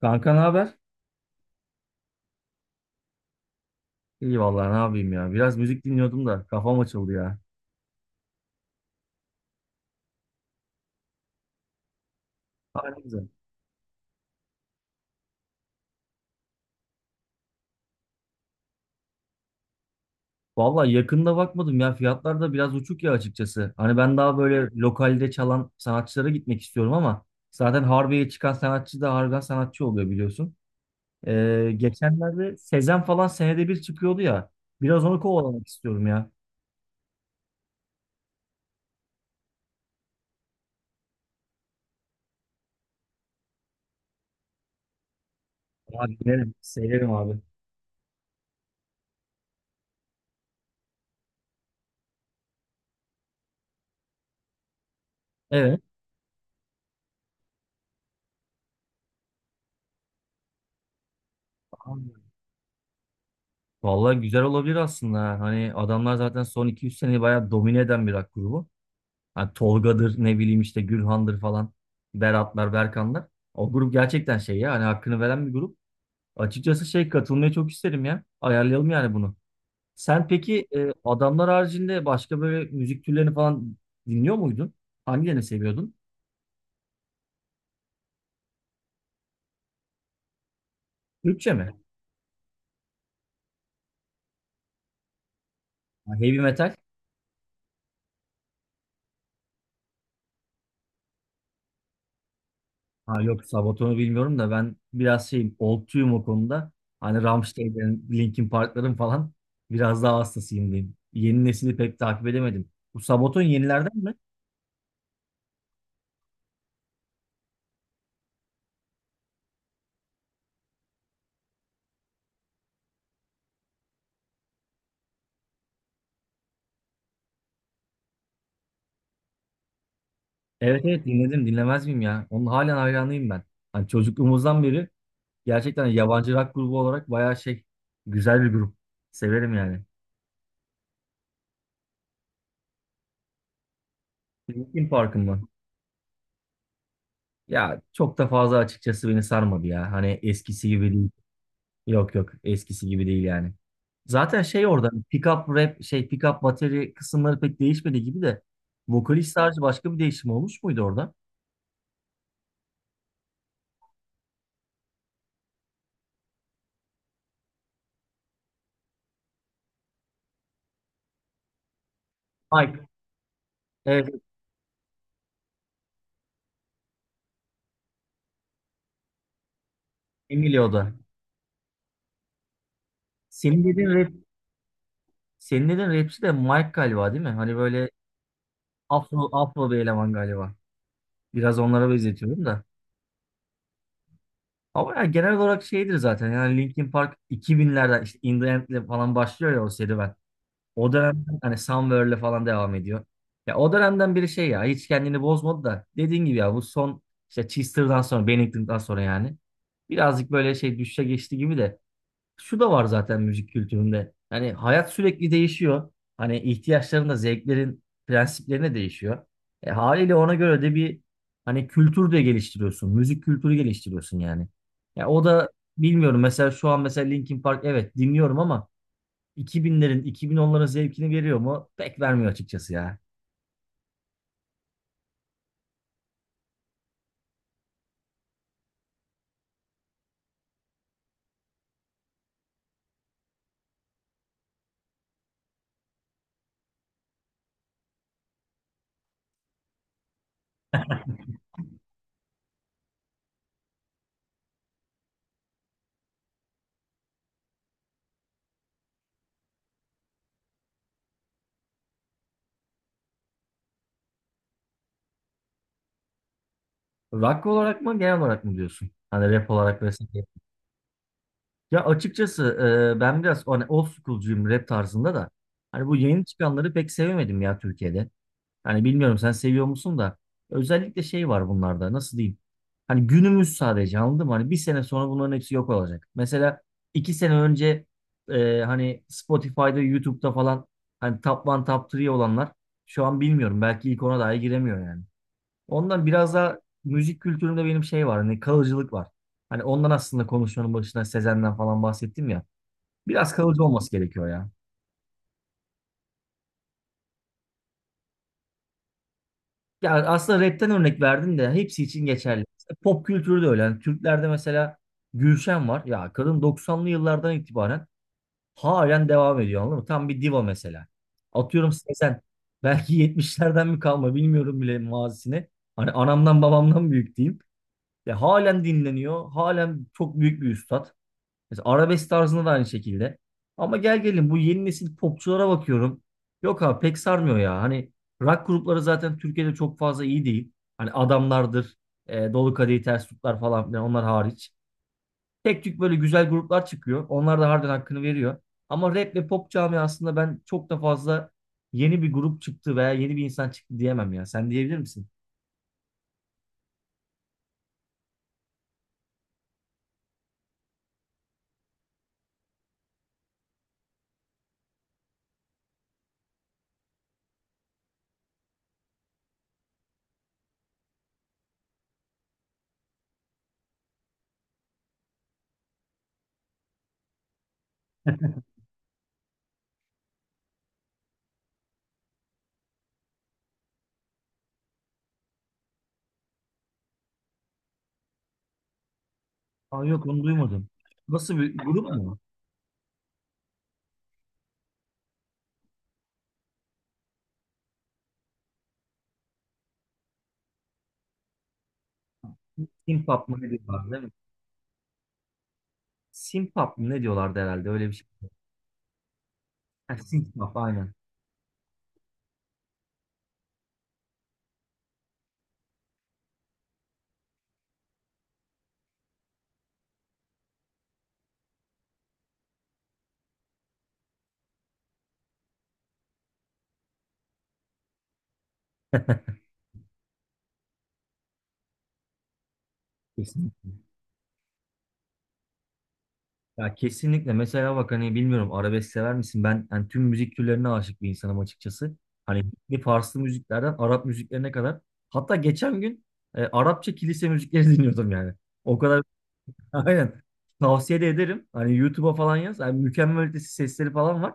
Kanka ne haber? İyi vallahi ne yapayım ya. Biraz müzik dinliyordum da kafam açıldı ya. Ha, ne güzel. Vallahi yakında bakmadım ya. Fiyatlar da biraz uçuk ya açıkçası. Hani ben daha böyle lokalde çalan sanatçılara gitmek istiyorum ama zaten Harbiye'ye çıkan sanatçı da harbiden sanatçı oluyor biliyorsun. Geçenlerde Sezen falan senede bir çıkıyordu ya. Biraz onu kovalamak istiyorum ya. Abi dinlerim, severim abi. Evet. Abi, vallahi güzel olabilir aslında. Ha. Hani adamlar zaten son iki üç seneyi bayağı domine eden bir rock grubu. Hani Tolga'dır ne bileyim işte Gülhan'dır falan. Beratlar, Berkanlar. O grup gerçekten şey ya hani hakkını veren bir grup. Açıkçası şey katılmayı çok isterim ya. Ayarlayalım yani bunu. Sen peki adamlar haricinde başka böyle müzik türlerini falan dinliyor muydun? Hangilerini seviyordun? Türkçe mi? Ha, heavy metal? Ha yok Sabaton'u bilmiyorum da ben biraz şeyim oldtuyum o konuda. Hani Rammstein'lerin, Linkin Park'ların falan biraz daha hastasıyım diyeyim. Yeni nesili pek takip edemedim. Bu Sabaton yenilerden mi? Evet evet dinledim dinlemez miyim ya? Onun halen hayranıyım ben. Hani çocukluğumuzdan beri gerçekten yabancı rock grubu olarak bayağı şey güzel bir grup. Severim yani. Linkin Park'ın mı? Ya çok da fazla açıkçası beni sarmadı ya. Hani eskisi gibi değil. Yok yok eskisi gibi değil yani. Zaten şey orada pick up rap şey pick up bateri kısımları pek değişmedi gibi de vokalist sadece başka bir değişim olmuş muydu orada? Mike. Evet, Emilio'da. Senin dediğin rap, senin dediğin rapçi de Mike galiba değil mi? Hani böyle Afro, Afro bir eleman galiba. Biraz onlara benzetiyorum da. Ama ya genel olarak şeydir zaten. Yani Linkin Park 2000'lerden işte In The End'le falan başlıyor ya o serüven. O dönemden hani Somewhere'le falan devam ediyor. Ya o dönemden biri şey ya hiç kendini bozmadı da dediğin gibi ya bu son işte Chester'dan sonra Bennington'dan sonra yani birazcık böyle şey düşüşe geçti gibi de şu da var zaten müzik kültüründe. Hani hayat sürekli değişiyor. Hani ihtiyaçların da zevklerin prensiplerine değişiyor. Haliyle ona göre de bir hani kültür de geliştiriyorsun. Müzik kültürü geliştiriyorsun yani. Ya o da bilmiyorum mesela şu an mesela Linkin Park evet dinliyorum ama 2000'lerin 2010'ların zevkini veriyor mu? Pek vermiyor açıkçası ya. Rock olarak mı genel olarak mı diyorsun? Hani rap olarak vs. Ya açıkçası ben biraz hani old school'cuyum rap tarzında da. Hani bu yeni çıkanları pek sevemedim ya Türkiye'de. Hani bilmiyorum sen seviyor musun da. Özellikle şey var bunlarda nasıl diyeyim. Hani günümüz sadece anladın mı? Hani bir sene sonra bunların hepsi yok olacak. Mesela iki sene önce hani Spotify'da, YouTube'da falan hani top 1, top 3 olanlar şu an bilmiyorum. Belki ilk ona dahi giremiyor yani. Ondan biraz daha müzik kültüründe benim şey var. Hani kalıcılık var. Hani ondan aslında konuşmanın başına Sezen'den falan bahsettim ya. Biraz kalıcı olması gerekiyor ya. Ya aslında rapten örnek verdin de hepsi için geçerli. İşte pop kültürü de öyle. Yani Türklerde mesela Gülşen var. Ya kadın 90'lı yıllardan itibaren halen devam ediyor anladın mı? Tam bir diva mesela. Atıyorum Sezen. Belki 70'lerden mi kalma bilmiyorum bile mazisini. Hani anamdan babamdan büyük diyeyim. Ya halen dinleniyor. Halen çok büyük bir üstad. Mesela arabesk tarzında da aynı şekilde. Ama gel gelin bu yeni nesil popçulara bakıyorum. Yok abi pek sarmıyor ya. Hani rock grupları zaten Türkiye'de çok fazla iyi değil. Hani Adamlardır, Dolu Kadehi Ters Tutlar falan filan onlar hariç. Tek tük böyle güzel gruplar çıkıyor. Onlar da harbiden hakkını veriyor. Ama rap ve pop camiasında ben çok da fazla yeni bir grup çıktı veya yeni bir insan çıktı diyemem ya. Sen diyebilir misin? Aa, yok onu duymadım. Nasıl bir grup mu? Simpap mı ne diyorlar değil mi? Simpap mı ne diyorlardı herhalde öyle bir şey. Ha, synth pop aynen. Kesinlikle. Ya kesinlikle. Mesela bak hani bilmiyorum arabesk sever misin? Ben hani tüm müzik türlerine aşık bir insanım açıkçası. Hani bir Farslı müziklerden Arap müziklerine kadar. Hatta geçen gün Arapça kilise müzikleri dinliyordum yani. O kadar aynen. Tavsiye de ederim. Hani YouTube'a falan yaz. Yani mükemmel ötesi sesleri falan var.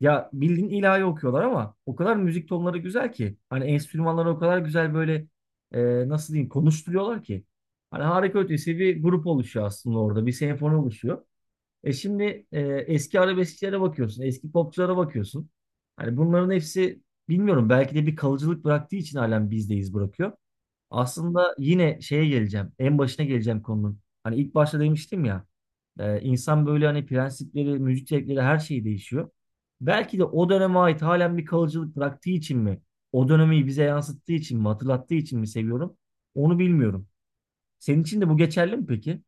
Ya bildiğin ilahi okuyorlar ama o kadar müzik tonları güzel ki. Hani enstrümanları o kadar güzel böyle nasıl diyeyim konuşturuyorlar ki. Hani harika ötesi bir grup oluşuyor aslında orada. Bir senfoni oluşuyor. Şimdi eski arabeskçilere bakıyorsun. Eski popçulara bakıyorsun. Hani bunların hepsi bilmiyorum belki de bir kalıcılık bıraktığı için halen bizdeyiz bırakıyor. Aslında yine şeye geleceğim. En başına geleceğim konunun. Hani ilk başta demiştim ya. İnsan böyle hani prensipleri, müzik zevkleri her şey değişiyor. Belki de o döneme ait halen bir kalıcılık bıraktığı için mi, o dönemi bize yansıttığı için mi, hatırlattığı için mi seviyorum, onu bilmiyorum. Senin için de bu geçerli mi peki?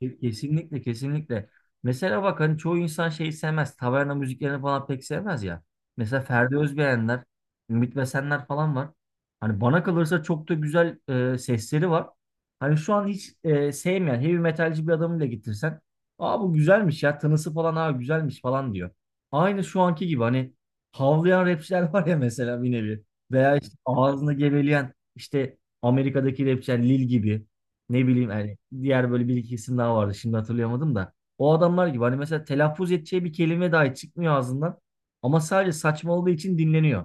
Kesinlikle kesinlikle. Mesela bak hani çoğu insan şeyi sevmez. Taverna müziklerini falan pek sevmez ya. Mesela Ferdi Özbeğenler, Ümit Besenler falan var. Hani bana kalırsa çok da güzel sesleri var. Hani şu an hiç sevmeyen heavy metalci bir adamı bile getirsen. Aa bu güzelmiş ya tınısı falan aa güzelmiş falan diyor. Aynı şu anki gibi hani havlayan rapçiler var ya mesela bir nevi. Veya işte ağzını geveleyen işte Amerika'daki rapçiler Lil gibi. Ne bileyim yani diğer böyle bir iki isim daha vardı. Şimdi hatırlayamadım da. O adamlar gibi hani mesela telaffuz edeceği bir kelime dahi çıkmıyor ağzından. Ama sadece saçmaladığı için dinleniyor.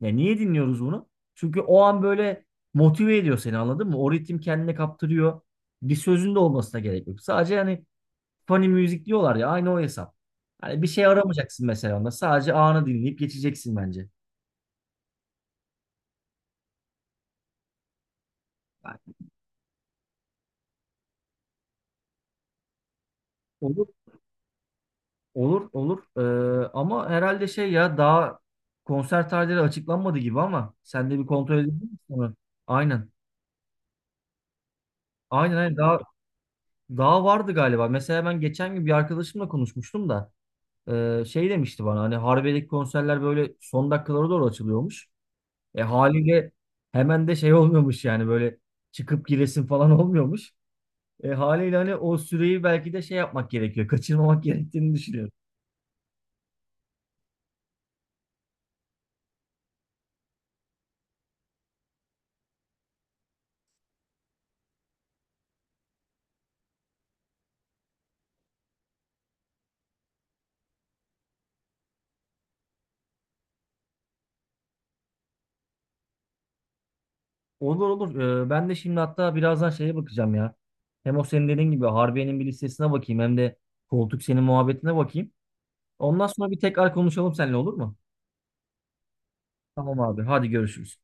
Ya niye dinliyoruz bunu? Çünkü o an böyle motive ediyor seni anladın mı? O ritim kendine kaptırıyor. Bir sözün de olmasına gerek yok. Sadece hani funny müzik diyorlar ya aynı o hesap. Hani bir şey aramayacaksın mesela onda. Sadece anı dinleyip geçeceksin bence. Yani, olur. Olur olur. Ama herhalde şey ya daha konser tarihleri açıklanmadı gibi ama sen de bir kontrol edebildin mi sonra? Aynen aynen aynen. Daha daha vardı galiba. Mesela ben geçen gün bir arkadaşımla konuşmuştum da şey demişti bana hani Harbiye'deki konserler böyle son dakikalara doğru açılıyormuş. Haliyle hemen de şey olmuyormuş yani böyle çıkıp giresin falan olmuyormuş. Haliyle hani o süreyi belki de şey yapmak gerekiyor kaçırmamak gerektiğini düşünüyorum. Olur olur. Ben de şimdi hatta birazdan şeye bakacağım ya. Hem o senin dediğin gibi Harbiye'nin bir listesine bakayım hem de koltuk senin muhabbetine bakayım. Ondan sonra bir tekrar konuşalım seninle olur mu? Tamam abi. Hadi görüşürüz.